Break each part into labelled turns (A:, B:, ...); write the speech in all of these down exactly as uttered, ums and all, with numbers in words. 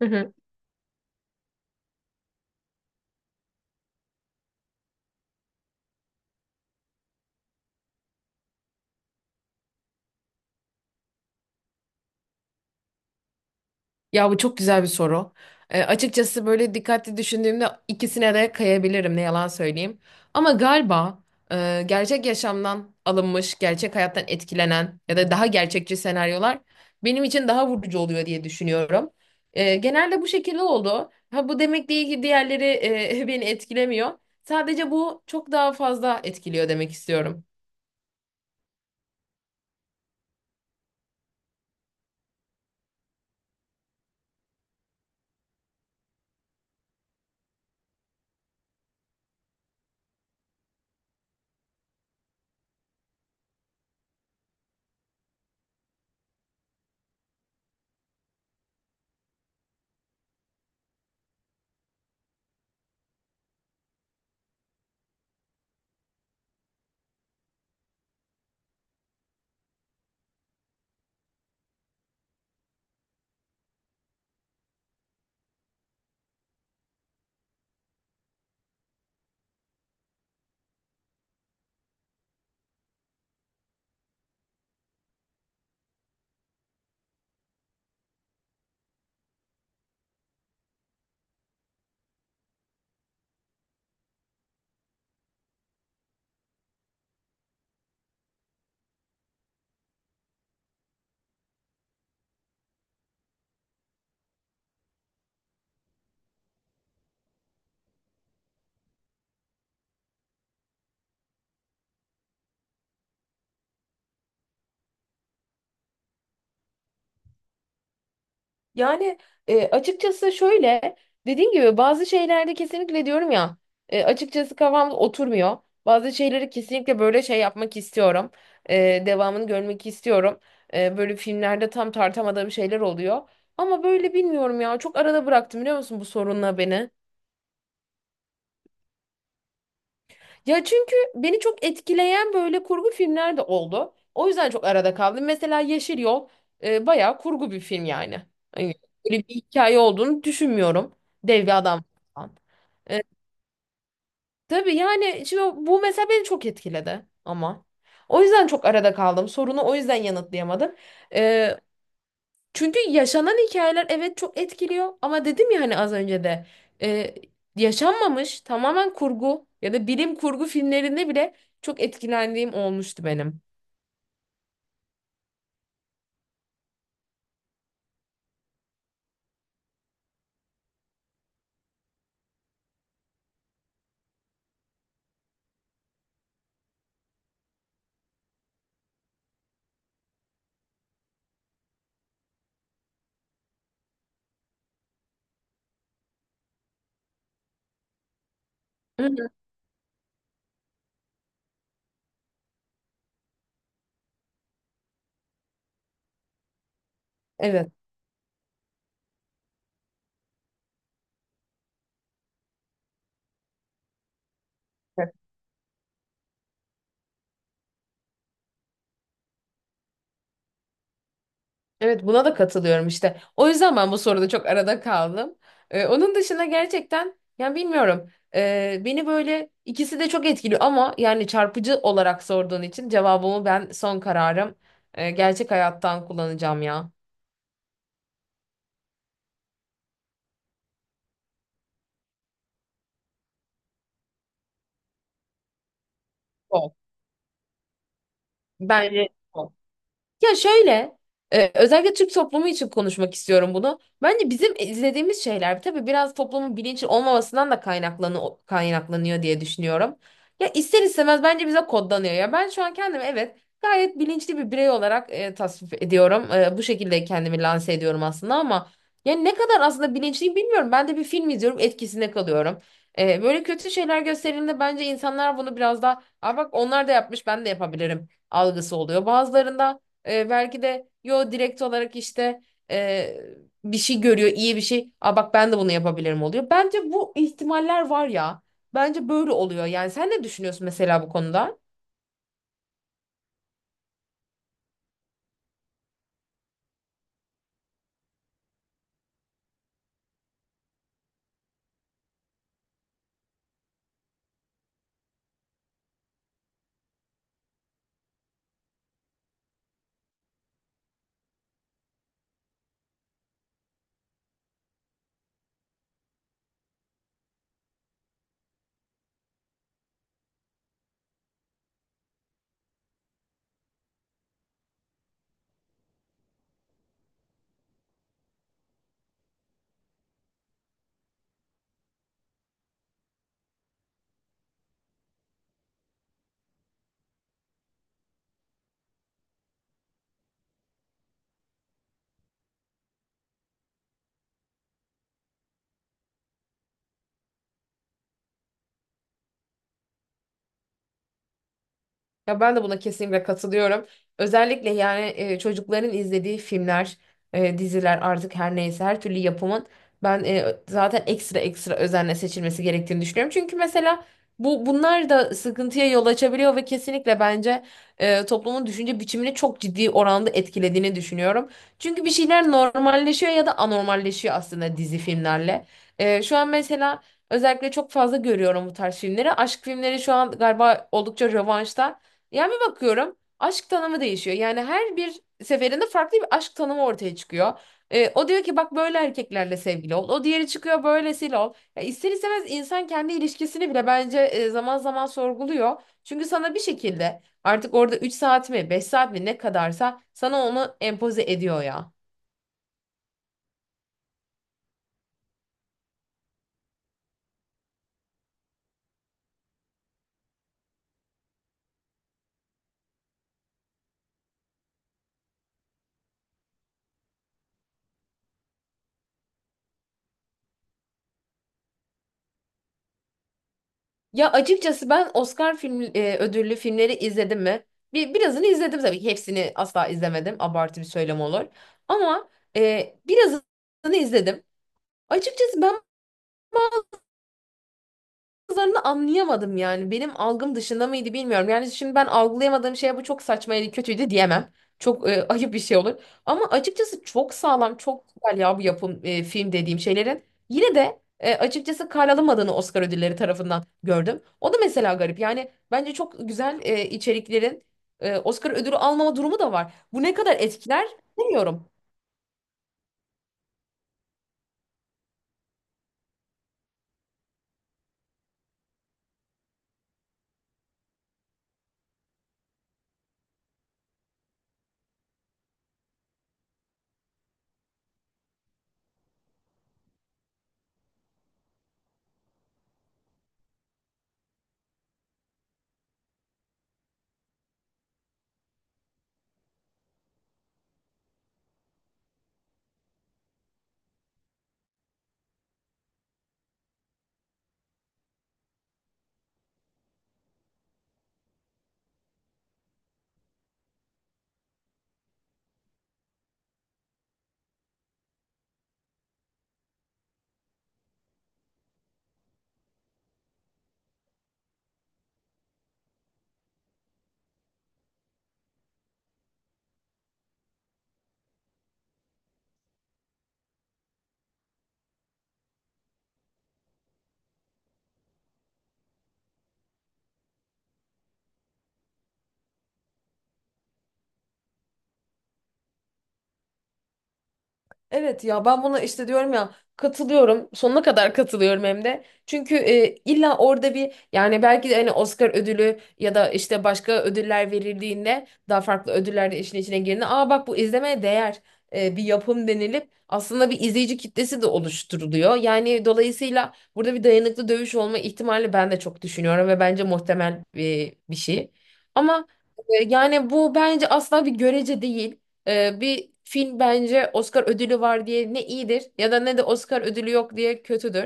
A: Hı hı. Ya bu çok güzel bir soru. E, açıkçası böyle dikkatli düşündüğümde ikisine de kayabilirim, ne yalan söyleyeyim. Ama galiba e, gerçek yaşamdan alınmış, gerçek hayattan etkilenen ya da daha gerçekçi senaryolar benim için daha vurucu oluyor diye düşünüyorum. E, genelde bu şekilde oldu. Ha bu demek değil ki diğerleri e, beni etkilemiyor. Sadece bu çok daha fazla etkiliyor demek istiyorum. Yani e, açıkçası şöyle, dediğim gibi bazı şeylerde kesinlikle diyorum ya, e, açıkçası kafam oturmuyor. Bazı şeyleri kesinlikle böyle şey yapmak istiyorum. E, devamını görmek istiyorum. E, böyle filmlerde tam tartamadığım şeyler oluyor. Ama böyle bilmiyorum ya, çok arada bıraktım, biliyor musun, bu sorunla beni. Ya çünkü beni çok etkileyen böyle kurgu filmler de oldu. O yüzden çok arada kaldım. Mesela Yeşil Yol e, bayağı kurgu bir film yani. Hani böyle bir hikaye olduğunu düşünmüyorum. Dev bir adam falan. E, tabii yani şimdi bu mesela beni çok etkiledi ama. O yüzden çok arada kaldım. Sorunu o yüzden yanıtlayamadım. E, Çünkü yaşanan hikayeler evet çok etkiliyor ama dedim ya hani az önce de e, yaşanmamış tamamen kurgu ya da bilim kurgu filmlerinde bile çok etkilendiğim olmuştu benim. Hı hı. Evet. Evet. Evet, buna da katılıyorum işte. O yüzden ben bu soruda çok arada kaldım. E, onun dışında gerçekten yani bilmiyorum. E, beni böyle ikisi de çok etkiliyor ama yani çarpıcı olarak sorduğun için cevabımı, ben son kararım e, gerçek hayattan kullanacağım ya. Sol. Bence ya şöyle, e, özellikle Türk toplumu için konuşmak istiyorum bunu. Bence bizim izlediğimiz şeyler tabii biraz toplumun bilinçli olmamasından da kaynaklanı kaynaklanıyor diye düşünüyorum. Ya ister istemez bence bize kodlanıyor. Ya ben şu an kendimi, evet, gayet bilinçli bir birey olarak e, tasvip ediyorum. E, bu şekilde kendimi lanse ediyorum aslında ama yani ne kadar aslında bilinçliyim bilmiyorum. Ben de bir film izliyorum, etkisinde kalıyorum. E, böyle kötü şeyler gösterildiğinde bence insanlar bunu biraz daha, aa, bak onlar da yapmış ben de yapabilirim algısı oluyor. Bazılarında e, belki de yo, direkt olarak işte e, bir şey görüyor, iyi bir şey. Aa bak ben de bunu yapabilirim oluyor. Bence bu ihtimaller var ya. Bence böyle oluyor. Yani sen ne düşünüyorsun mesela bu konuda? Ya ben de buna kesinlikle katılıyorum. Özellikle yani e, çocukların izlediği filmler, e, diziler artık her neyse, her türlü yapımın ben e, zaten ekstra ekstra özenle seçilmesi gerektiğini düşünüyorum. Çünkü mesela bu bunlar da sıkıntıya yol açabiliyor ve kesinlikle bence e, toplumun düşünce biçimini çok ciddi oranda etkilediğini düşünüyorum. Çünkü bir şeyler normalleşiyor ya da anormalleşiyor aslında dizi filmlerle. E, şu an mesela özellikle çok fazla görüyorum bu tarz filmleri. Aşk filmleri şu an galiba oldukça revaçta. Yani bir bakıyorum aşk tanımı değişiyor. Yani her bir seferinde farklı bir aşk tanımı ortaya çıkıyor. Ee, o diyor ki bak böyle erkeklerle sevgili ol. O diğeri çıkıyor böylesiyle ol. Ya ister istemez insan kendi ilişkisini bile bence e, zaman zaman sorguluyor. Çünkü sana bir şekilde artık orada üç saat mi beş saat mi ne kadarsa sana onu empoze ediyor ya. Ya açıkçası ben Oscar film e, ödüllü filmleri izledim mi? Bir, birazını izledim tabii ki. Hepsini asla izlemedim. Abartı bir söylem olur. Ama e, birazını izledim. Açıkçası ben kızlarını anlayamadım yani. Benim algım dışında mıydı bilmiyorum. Yani şimdi ben algılayamadığım şeye bu çok saçmaydı, kötüydü diyemem. Çok e, ayıp bir şey olur. Ama açıkçası çok sağlam, çok güzel ya bu yapım e, film dediğim şeylerin. Yine de e, açıkçası karalamadığını Oscar ödülleri tarafından gördüm. O da mesela garip. Yani bence çok güzel e, içeriklerin e, Oscar ödülü almama durumu da var. Bu ne kadar etkiler bilmiyorum. Evet ya ben buna işte diyorum ya, katılıyorum, sonuna kadar katılıyorum hem de, çünkü e, illa orada bir, yani belki de hani Oscar ödülü ya da işte başka ödüller verildiğinde, daha farklı ödüller de işin içine girdiğinde, aa bak bu izlemeye değer e, bir yapım denilip aslında bir izleyici kitlesi de oluşturuluyor, yani dolayısıyla burada bir dayanıklı dövüş olma ihtimali ben de çok düşünüyorum ve bence muhtemel e, bir şey ama e, yani bu bence asla bir görece değil. Ee, bir film bence Oscar ödülü var diye ne iyidir ya da ne de Oscar ödülü yok diye kötüdür.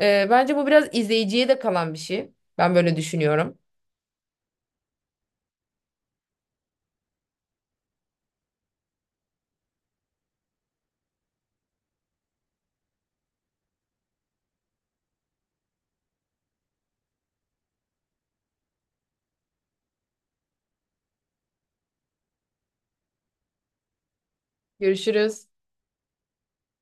A: Ee, bence bu biraz izleyiciye de kalan bir şey. Ben böyle düşünüyorum. Görüşürüz.